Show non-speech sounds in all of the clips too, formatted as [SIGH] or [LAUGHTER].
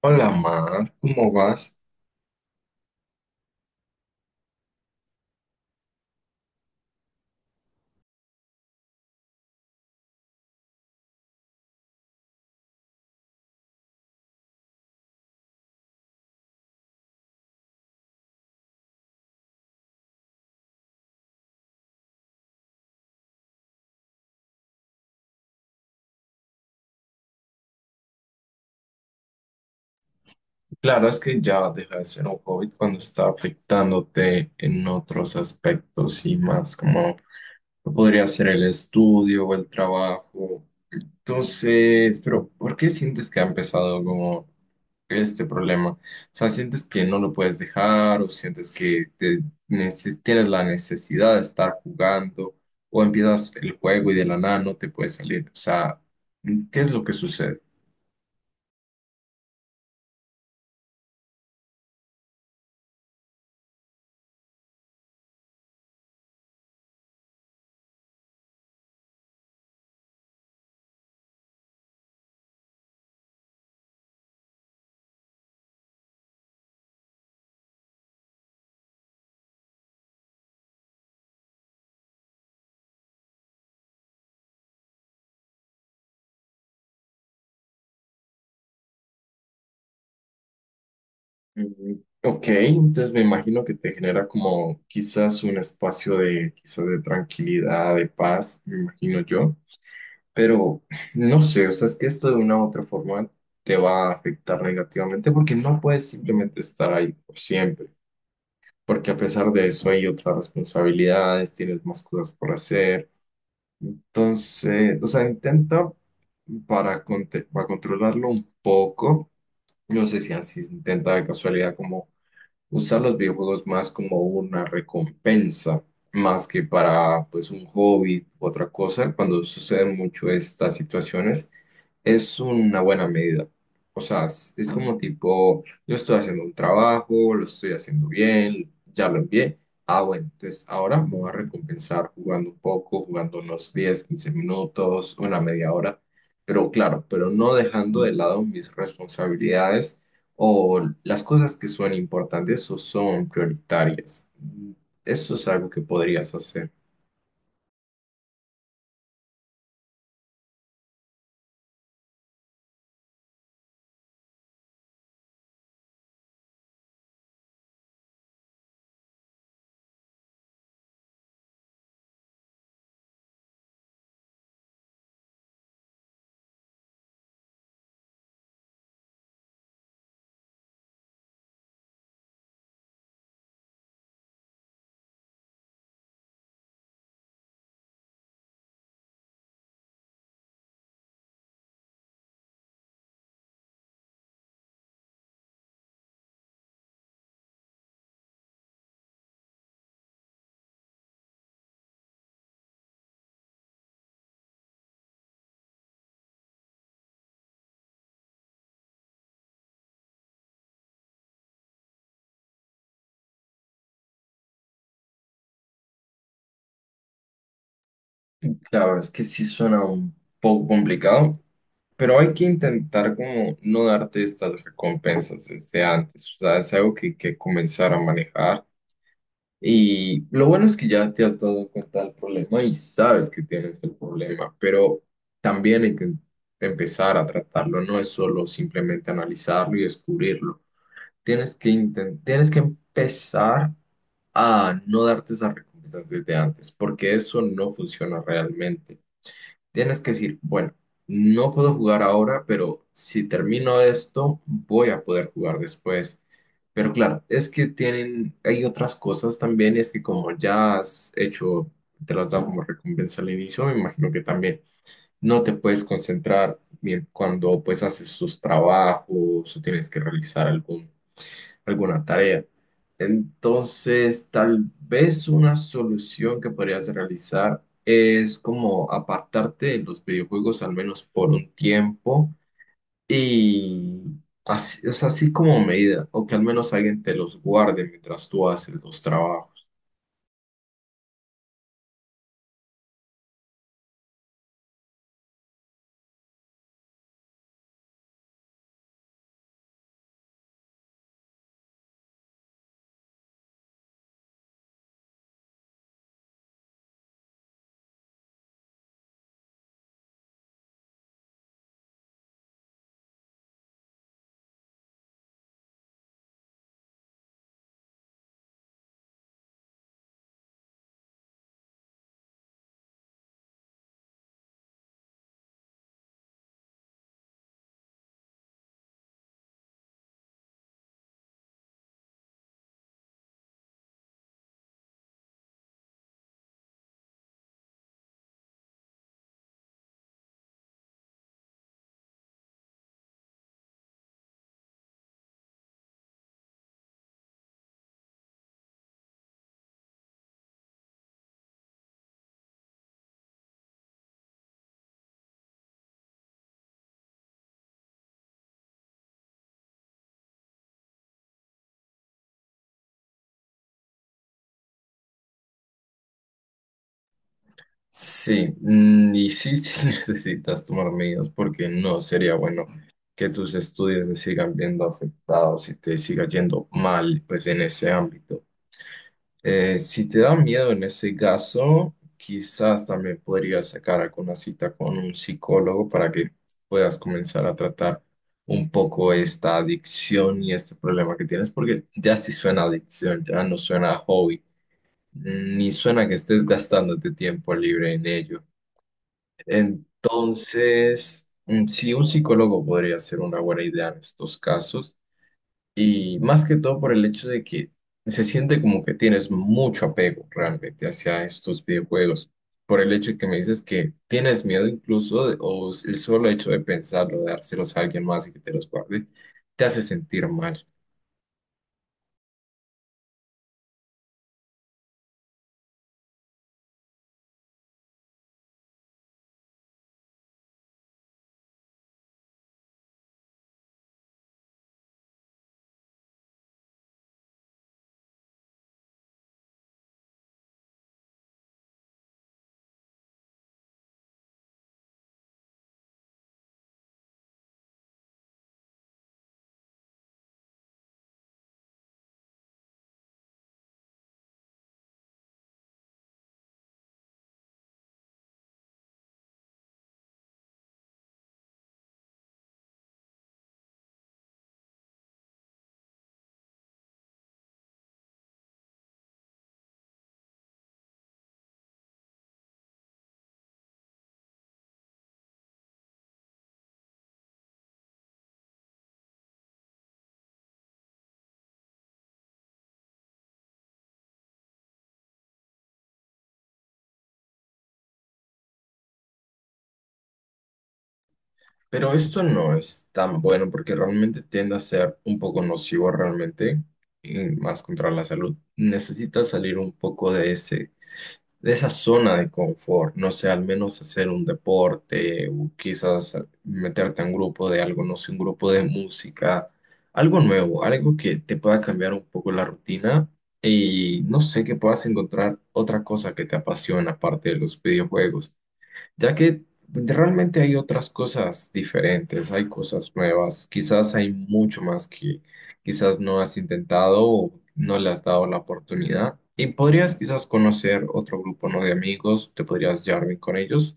Hola Mar, ¿cómo vas? Claro, es que ya deja de ser un COVID cuando está afectándote en otros aspectos y más como podría ser el estudio o el trabajo. Entonces, pero ¿por qué sientes que ha empezado como este problema? O sea, ¿sientes que no lo puedes dejar o sientes que te tienes la necesidad de estar jugando o empiezas el juego y de la nada no te puedes salir? O sea, ¿qué es lo que sucede? Mm, Ok, entonces me imagino que te genera como quizás un espacio de quizás de tranquilidad, de paz, me imagino yo, pero no sé, o sea, es que esto de una u otra forma te va a afectar negativamente porque no puedes simplemente estar ahí por siempre, porque a pesar de eso hay otras responsabilidades, tienes más cosas por hacer, entonces, o sea, intenta para controlarlo un poco, no sé si así intenta de casualidad como usar los videojuegos más como una recompensa, más que para pues un hobby u otra cosa, cuando suceden mucho estas situaciones. Es una buena medida. O sea, es como tipo, yo estoy haciendo un trabajo, lo estoy haciendo bien, ya lo envié. Ah, bueno, entonces ahora me voy a recompensar jugando un poco, jugando unos 10, 15 minutos, una media hora. Pero claro, pero no dejando de lado mis responsabilidades o las cosas que son importantes o son prioritarias. Eso es algo que podrías hacer. Claro, es que sí suena un poco complicado. Pero hay que intentar como no darte estas recompensas desde antes, o sea, es algo que hay que comenzar a manejar. Y lo bueno es que ya te has dado cuenta del problema y sabes que tienes el problema, pero también hay que empezar a tratarlo, no es solo simplemente analizarlo y descubrirlo. Tienes que tienes que empezar a no darte esas recompensas desde antes, porque eso no funciona realmente. Tienes que decir, bueno, no puedo jugar ahora, pero si termino esto, voy a poder jugar después. Pero claro, es que tienen, hay otras cosas también, y es que como ya has hecho, te las dado como recompensa al inicio, me imagino que también no te puedes concentrar bien cuando pues haces sus trabajos o tienes que realizar algún alguna tarea. Entonces, tal vez una solución que podrías realizar es como apartarte de los videojuegos al menos por un tiempo y así, o sea, así como medida, o que al menos alguien te los guarde mientras tú haces los trabajos. Sí, mm, y sí, [LAUGHS] sí necesitas tomar medidas porque no sería bueno que tus estudios se sigan viendo afectados y te siga yendo mal pues en ese ámbito. Si te da miedo en ese caso, quizás también podrías sacar alguna cita con un psicólogo para que puedas comenzar a tratar un poco esta adicción y este problema que tienes, porque ya sí suena adicción, ya no suena hobby, ni suena que estés gastándote tiempo libre en ello. Entonces, sí, un psicólogo podría ser una buena idea en estos casos. Y más que todo por el hecho de que se siente como que tienes mucho apego realmente hacia estos videojuegos. Por el hecho de que me dices que tienes miedo incluso, o el solo hecho de pensarlo, de dárselos a alguien más y que te los guarde, te hace sentir mal. Pero esto no es tan bueno porque realmente tiende a ser un poco nocivo realmente, y más contra la salud. Necesitas salir un poco de esa zona de confort, no sé, al menos hacer un deporte o quizás meterte a un grupo de algo, no sé, un grupo de música, algo nuevo, algo que te pueda cambiar un poco la rutina y no sé, que puedas encontrar otra cosa que te apasiona aparte de los videojuegos ya que realmente hay otras cosas diferentes, hay cosas nuevas, quizás hay mucho más que quizás no has intentado o no le has dado la oportunidad. Y podrías quizás conocer otro grupo, ¿no?, de amigos, te podrías llevar bien con ellos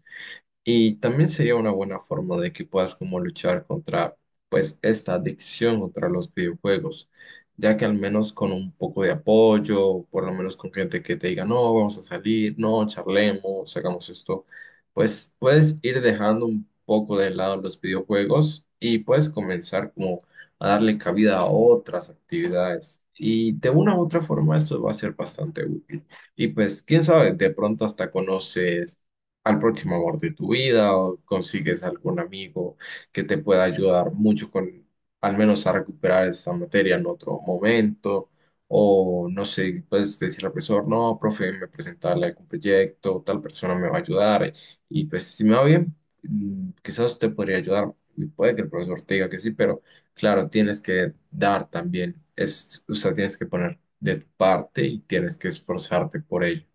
y también sería una buena forma de que puedas como luchar contra pues esta adicción contra los videojuegos, ya que al menos con un poco de apoyo, por lo menos con gente que te diga, no, vamos a salir, no, charlemos, hagamos esto, pues puedes ir dejando un poco de lado los videojuegos y puedes comenzar como a darle cabida a otras actividades. Y de una u otra forma esto va a ser bastante útil. Y pues, quién sabe, de pronto hasta conoces al próximo amor de tu vida o consigues algún amigo que te pueda ayudar mucho con al menos a recuperar esta materia en otro momento o no sé, puedes decirle al profesor, no, profe, me presentarle algún proyecto, tal persona me va a ayudar y pues si me va bien, quizás te podría ayudar y puede que el profesor te diga que sí, pero claro, tienes que dar también, es, o sea, tienes que poner de tu parte y tienes que esforzarte por ello.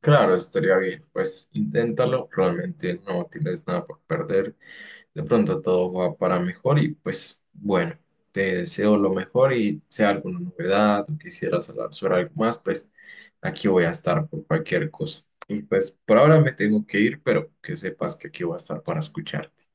Claro, estaría bien. Pues inténtalo, realmente no tienes nada por perder. De pronto todo va para mejor y pues bueno, te deseo lo mejor y sea alguna novedad o quisieras hablar sobre algo más, pues aquí voy a estar por cualquier cosa. Y pues por ahora me tengo que ir, pero que sepas que aquí voy a estar para escucharte.